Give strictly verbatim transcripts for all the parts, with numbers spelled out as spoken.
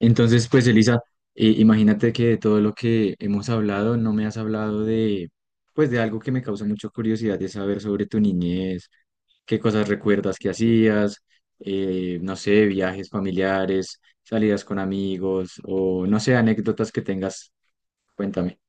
Entonces, pues Elisa, eh, imagínate que de todo lo que hemos hablado, no me has hablado de, pues de algo que me causa mucha curiosidad de saber sobre tu niñez, qué cosas recuerdas que hacías, eh, no sé, viajes familiares, salidas con amigos o no sé, anécdotas que tengas, cuéntame.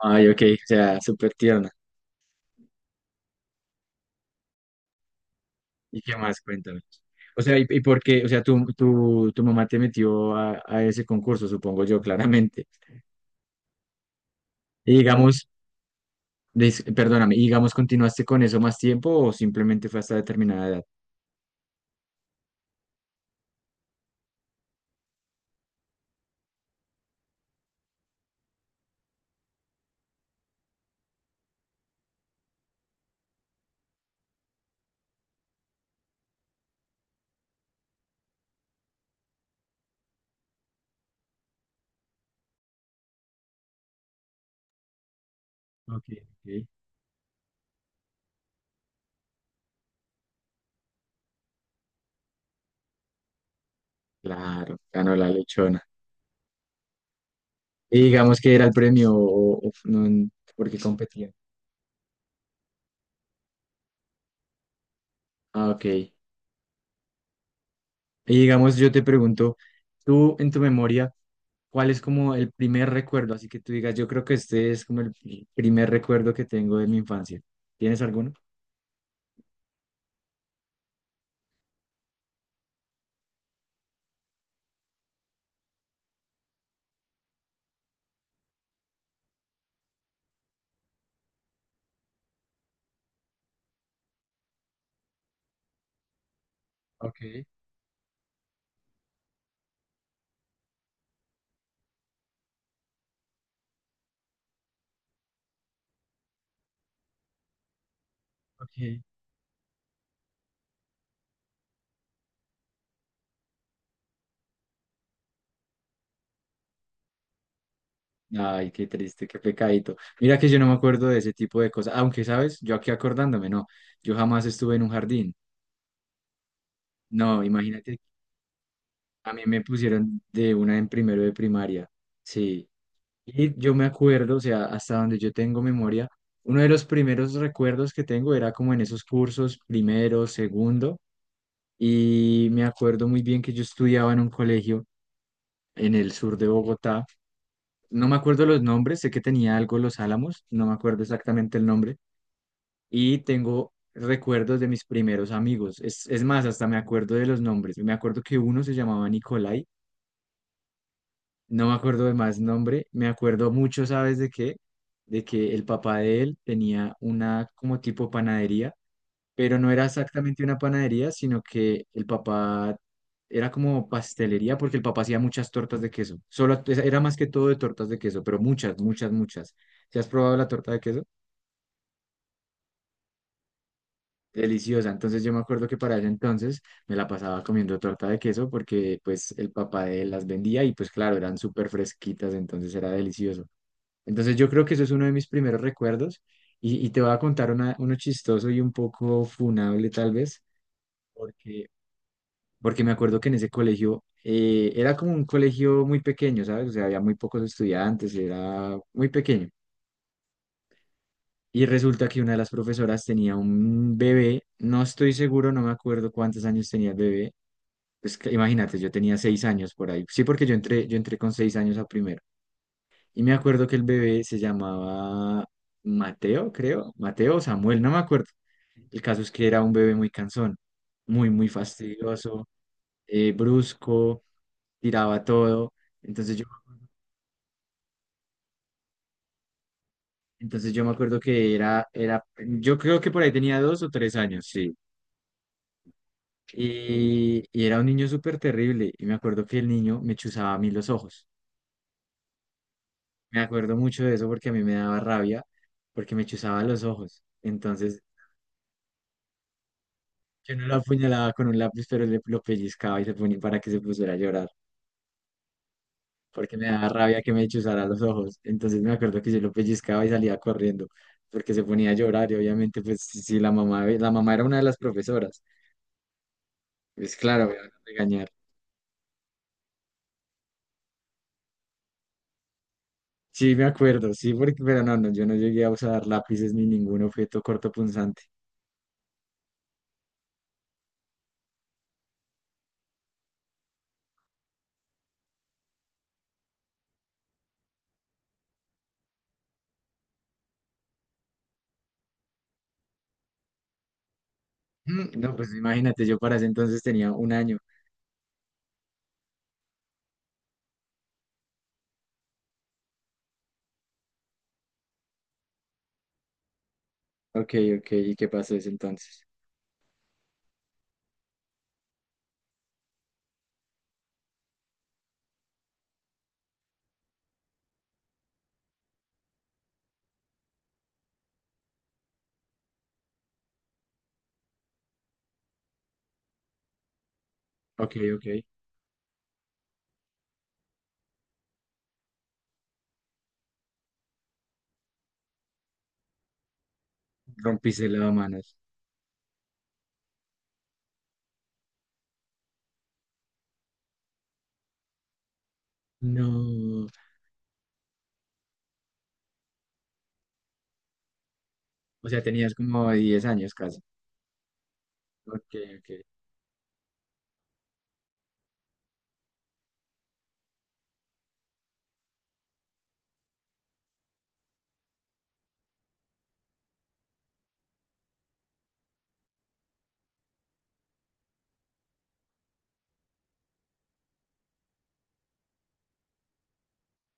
Ay, ok, o sea, súper tierna. ¿Y qué más? Cuéntame. O sea, ¿y, y por qué? O sea, tu, tu, tu mamá te metió a, a ese concurso, supongo yo, claramente. Y digamos. Dis- perdóname, y digamos, ¿continuaste con eso más tiempo o simplemente fue hasta determinada edad? Ok, ok. Claro, ganó la lechona. Y digamos que era el premio o, o f- no, n- porque competía. Ah, ok. Y digamos, yo te pregunto, tú en tu memoria, ¿cuál es como el primer recuerdo? Así que tú digas, yo creo que este es como el primer recuerdo que tengo de mi infancia. ¿Tienes alguno? Ok, ok. Ay, qué triste, qué pecadito. Mira que yo no me acuerdo de ese tipo de cosas, aunque sabes, yo aquí acordándome, no, yo jamás estuve en un jardín. No, imagínate, a mí me pusieron de una en primero de primaria, sí. Y yo me acuerdo, o sea, hasta donde yo tengo memoria, uno de los primeros recuerdos que tengo era como en esos cursos, primero, segundo, y me acuerdo muy bien que yo estudiaba en un colegio en el sur de Bogotá. No me acuerdo los nombres, sé que tenía algo Los Álamos, no me acuerdo exactamente el nombre y tengo recuerdos de mis primeros amigos. Es, es más, hasta me acuerdo de los nombres. Me acuerdo que uno se llamaba Nicolai, no me acuerdo de más nombre. Me acuerdo mucho, ¿sabes de qué? De que el papá de él tenía una como tipo panadería, pero no era exactamente una panadería, sino que el papá era como pastelería porque el papá hacía muchas tortas de queso. Solo era más que todo de tortas de queso, pero muchas, muchas, muchas. ¿Se has probado la torta de queso? Deliciosa. Entonces yo me acuerdo que para ese entonces me la pasaba comiendo torta de queso porque pues el papá de él las vendía y pues claro, eran súper fresquitas, entonces era delicioso. Entonces yo creo que eso es uno de mis primeros recuerdos y, y te voy a contar una, uno chistoso y un poco funable tal vez, porque, porque me acuerdo que en ese colegio eh, era como un colegio muy pequeño, ¿sabes? O sea, había muy pocos estudiantes, era muy pequeño. Y resulta que una de las profesoras tenía un bebé, no estoy seguro, no me acuerdo cuántos años tenía el bebé, pues que- imagínate, yo tenía seis años por ahí. Sí, porque yo entré, yo entré con seis años a primero. Y me acuerdo que el bebé se llamaba Mateo, creo. Mateo o Samuel, no me acuerdo. El caso es que era un bebé muy cansón, muy, muy fastidioso, eh, brusco, tiraba todo. Entonces yo, entonces yo me acuerdo que era, era, yo creo que por ahí tenía dos o tres años, sí. Y, y era un niño súper terrible. Y me acuerdo que el niño me chuzaba a mí los ojos. Me acuerdo mucho de eso porque a mí me daba rabia, porque me chuzaba los ojos. Entonces, yo no lo apuñalaba con un lápiz, pero le, lo pellizcaba y se ponía para que se pusiera a llorar, porque me daba rabia que me chuzara los ojos. Entonces, me acuerdo que yo lo pellizcaba y salía corriendo, porque se ponía a llorar. Y obviamente, pues, si, si la mamá, ve- la mamá era una de las profesoras, pues claro, me iban a regañar. Sí, me acuerdo, sí, porque, pero no, no, yo no llegué a usar lápices ni ningún objeto cortopunzante. Mm, no, pues imagínate, yo para ese entonces tenía un año. Ok, ok. ¿Y qué pasó desde entonces? Ok, ok. Rompiste el manos. No. O sea, tenías como diez años casi. Ok, ok.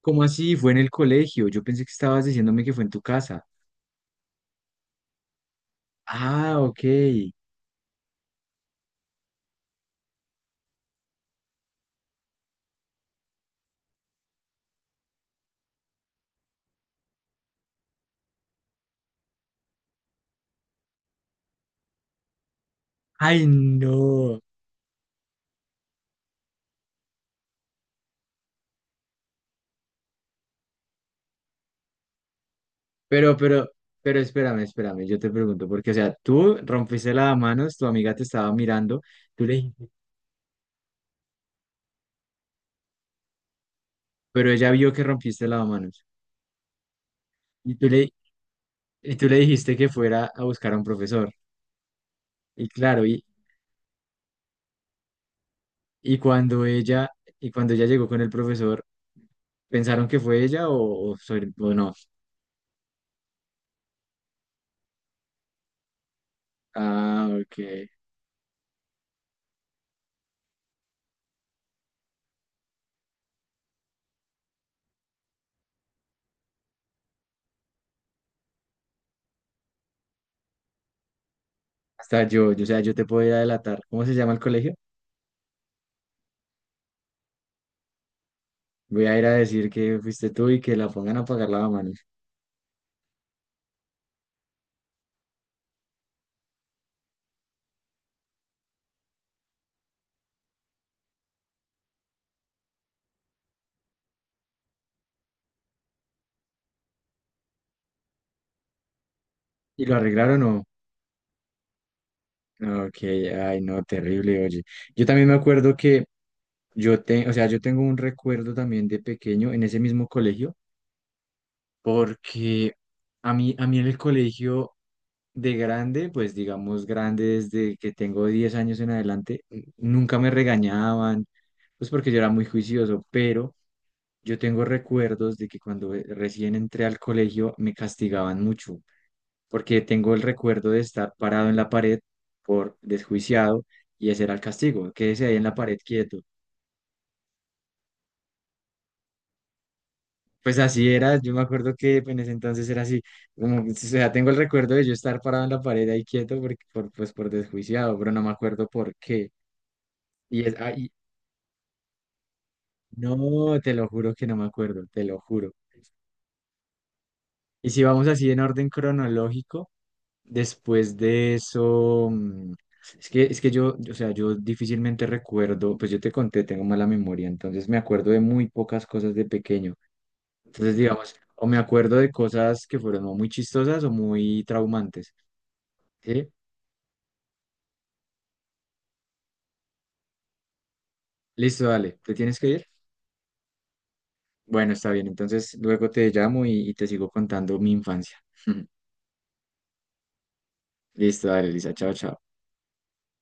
¿Cómo así? Fue en el colegio. Yo pensé que estabas diciéndome que fue en tu casa. Ah, ok. Ay, no. Pero, pero, pero espérame, espérame. Yo te pregunto, porque, o sea, tú rompiste el manos, tu amiga te estaba mirando, tú le dijiste, pero ella vio que rompiste el manos. Y tú le, y tú le dijiste que fuera a buscar a un profesor. Y claro, y, Y cuando ella, y cuando ella llegó con el profesor, ¿pensaron que fue ella o, o, soy- o no? Ah, ok. Hasta yo, yo, o sea, yo te puedo ir a delatar. ¿Cómo se llama el colegio? Voy a ir a decir que fuiste tú y que la pongan a pagar la mano. ¿Y lo arreglaron o no? Ok, ay, no, terrible, oye. Yo también me acuerdo que yo, te, o sea, yo tengo un recuerdo también de pequeño en ese mismo colegio. Porque a mí, a mí en el colegio de grande, pues digamos grande desde que tengo diez años en adelante, n- nunca me regañaban, pues porque yo era muy juicioso, pero yo tengo recuerdos de que cuando eh, recién entré al colegio me castigaban mucho, porque tengo el recuerdo de estar parado en la pared por desjuiciado y ese era el castigo, quédese ahí en la pared quieto. Pues así era, yo me acuerdo que en ese entonces era así, como, o sea, tengo el recuerdo de yo estar parado en la pared ahí quieto por, por, pues por desjuiciado, pero no me acuerdo por qué. Y es, ay, no, te lo juro que no me acuerdo, te lo juro. Y si vamos así en orden cronológico, después de eso, mm, es que, es que yo, o sea, yo difícilmente recuerdo, pues yo te conté, tengo mala memoria, entonces me acuerdo de muy pocas cosas de pequeño. Entonces, digamos, o me acuerdo de cosas que fueron o muy chistosas o muy traumantes. Sí, listo, dale. ¿Te tienes que ir? Bueno, está bien. Entonces luego te llamo y, y te sigo contando mi infancia. Listo, dale, Lisa. Chao, chao.